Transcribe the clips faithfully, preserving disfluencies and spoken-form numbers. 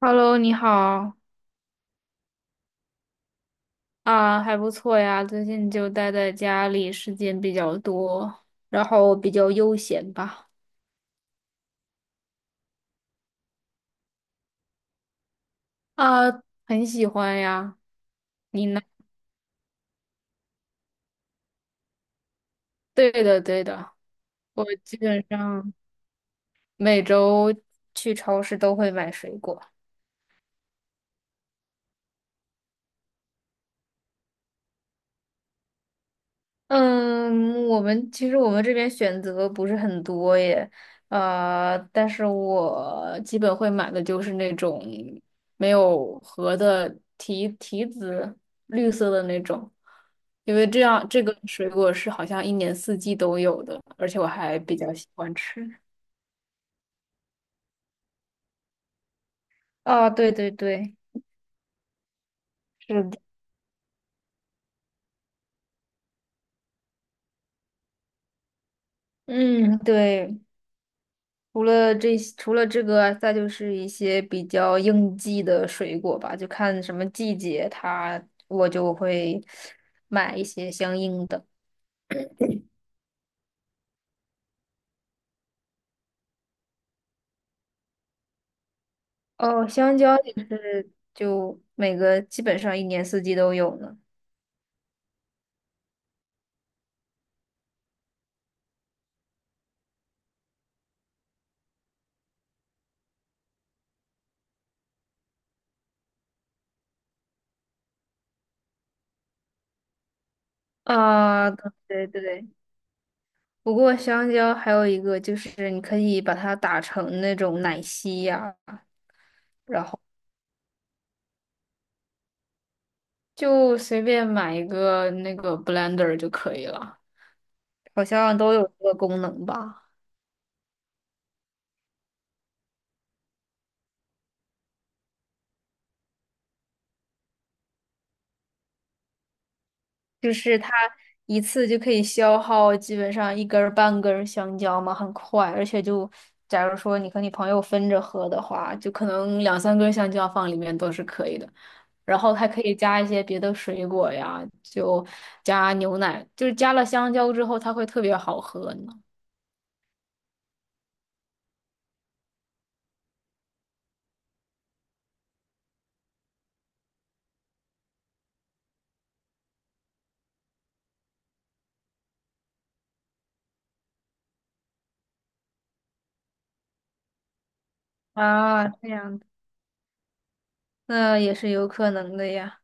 Hello，你好啊，还不错呀。最近就待在家里，时间比较多，然后比较悠闲吧。啊，很喜欢呀。你呢？对的，对的，我基本上每周去超市都会买水果。嗯，我们其实我们这边选择不是很多耶，呃，但是我基本会买的就是那种没有核的提提子，绿色的那种，因为这样这个水果是好像一年四季都有的，而且我还比较喜欢吃。啊，对对对，是的，嗯，对。除了这些，除了这个，再就是一些比较应季的水果吧，就看什么季节它，我就会买一些相应的。哦，香蕉也是，就每个基本上一年四季都有呢。啊，对对对。不过香蕉还有一个就是你可以把它打成那种奶昔呀、就随便买一个那个 blender 就可以了，好像都有这个功能吧。就是它一次就可以消耗基本上一根儿半根儿香蕉嘛，很快，而且就假如说你和你朋友分着喝的话，就可能两三根儿香蕉放里面都是可以的。然后还可以加一些别的水果呀，就加牛奶，就是加了香蕉之后，它会特别好喝呢。啊，这样子那也是有可能的呀。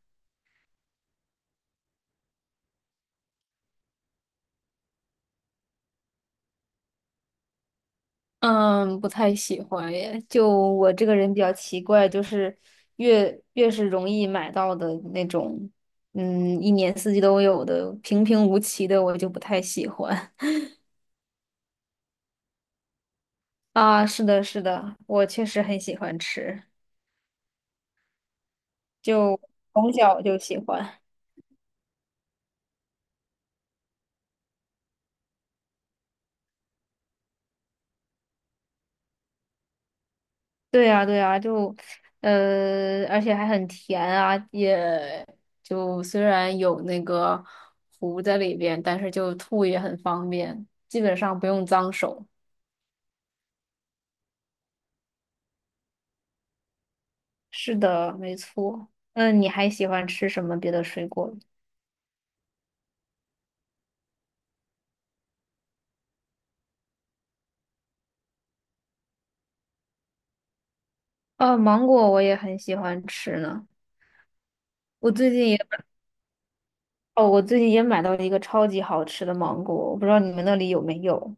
嗯，不太喜欢耶。就我这个人比较奇怪，就是越越是容易买到的那种，嗯，一年四季都有的平平无奇的，我就不太喜欢。啊，是的，是的，我确实很喜欢吃，就从小就喜欢。对呀，对呀，就，呃，而且还很甜啊，也就虽然有那个糊在里边，但是就吐也很方便，基本上不用脏手。是的，没错。那你还喜欢吃什么别的水果？呃，芒果我也很喜欢吃呢。我最近也，哦，我最近也买到了一个超级好吃的芒果，我不知道你们那里有没有，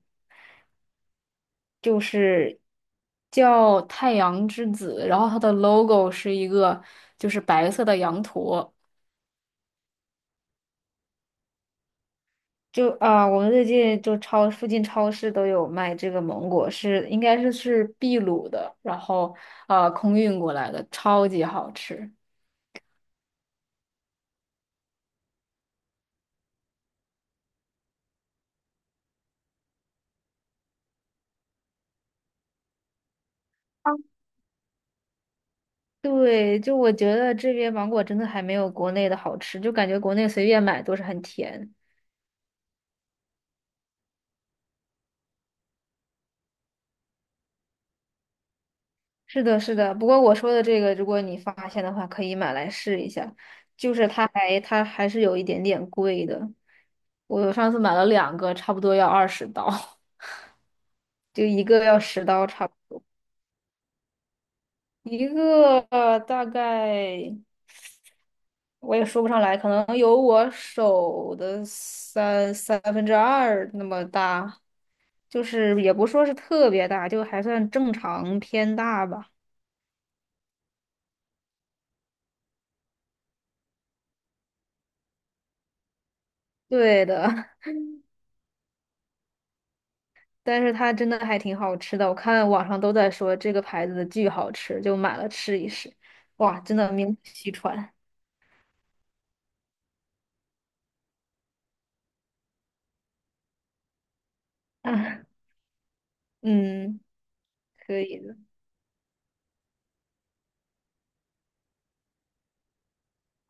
就是叫太阳之子，然后它的 logo 是一个就是白色的羊驼。就啊、我们最近就超附近超市都有卖这个芒果，是应该是是秘鲁的，然后啊空运过来的，超级好吃。对，就我觉得这边芒果真的还没有国内的好吃，就感觉国内随便买都是很甜。是的，是的。不过我说的这个，如果你发现的话，可以买来试一下。就是它还它还是有一点点贵的，我上次买了两个，差不多要二十刀，就一个要十刀差不多，一个呃大概。我也说不上来，可能有我手的三三分之二那么大，就是也不说是特别大，就还算正常偏大吧。对的，但是它真的还挺好吃的，我看网上都在说这个牌子的巨好吃，就买了吃一试。哇，真的名不虚传。嗯，可以的，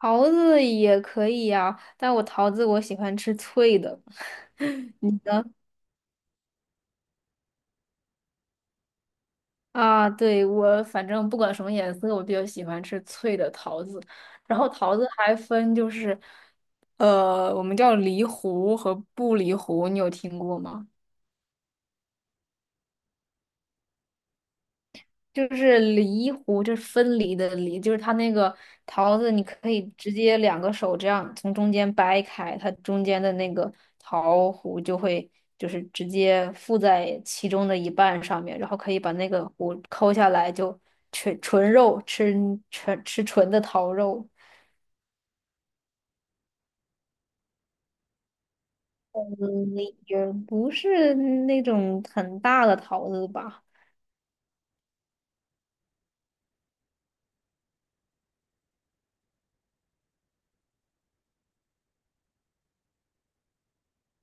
桃子也可以呀、但我桃子我喜欢吃脆的。啊，对，我反正不管什么颜色，我比较喜欢吃脆的桃子。然后桃子还分就是，呃，我们叫梨核和不梨核，你有听过吗？就是梨核，就是分离的梨，就是它那个桃子，你可以直接两个手这样从中间掰开，它中间的那个桃核就会就是直接附在其中的一半上面，然后可以把那个核抠下来，就纯纯肉吃纯吃纯的桃肉，嗯，也不是那种很大的桃子吧。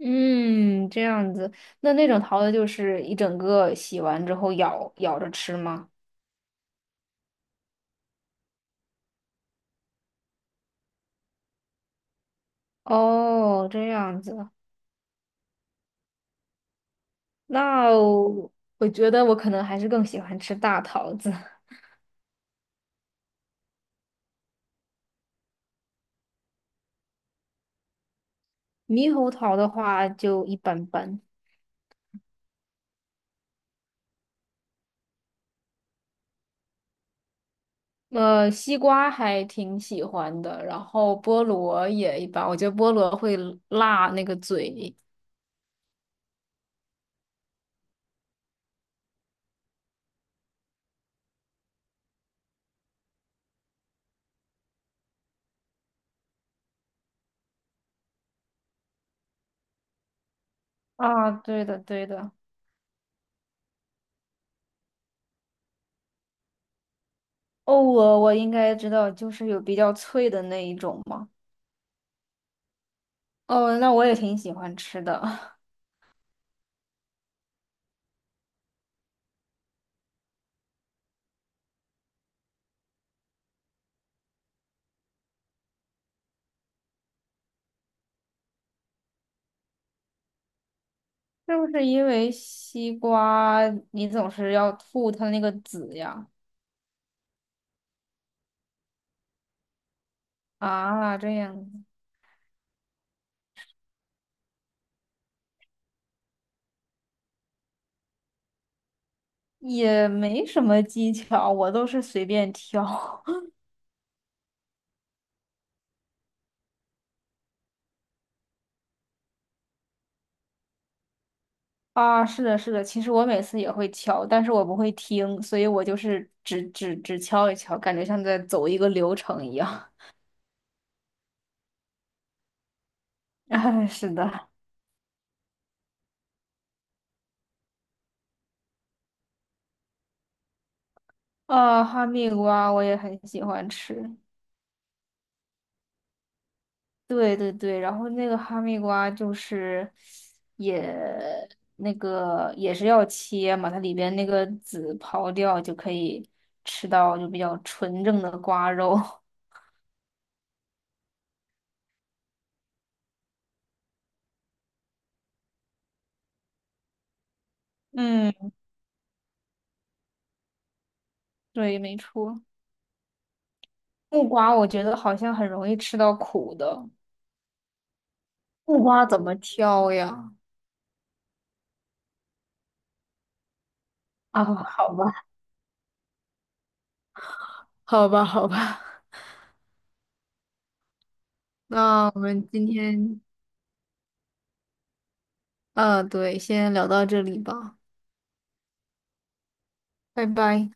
嗯，这样子，那那种桃子就是一整个洗完之后咬咬着吃吗？哦，这样子，那我，觉得我可能还是更喜欢吃大桃子，猕猴桃的话就一般般。呃，西瓜还挺喜欢的，然后菠萝也一般，我觉得菠萝会辣那个嘴。啊，对的，对的。哦，我我应该知道，就是有比较脆的那一种嘛。哦，那我也挺喜欢吃的。是不是因为西瓜你总是要吐它那个籽呀？啊，这样也没什么技巧，我都是随便挑。啊，是的，是的，其实我每次也会敲，但是我不会听，所以我就是只只只敲一敲，感觉像在走一个流程一样。哎，是的，啊，哈密瓜我也很喜欢吃。对对对，然后那个哈密瓜就是也那个也是要切嘛，它里边那个籽刨掉就可以吃到就比较纯正的瓜肉。嗯，对，没错。木瓜我觉得好像很容易吃到苦的，木瓜怎么挑呀？啊，好吧，好吧，好吧，那我们今天，啊，对，先聊到这里吧，拜拜。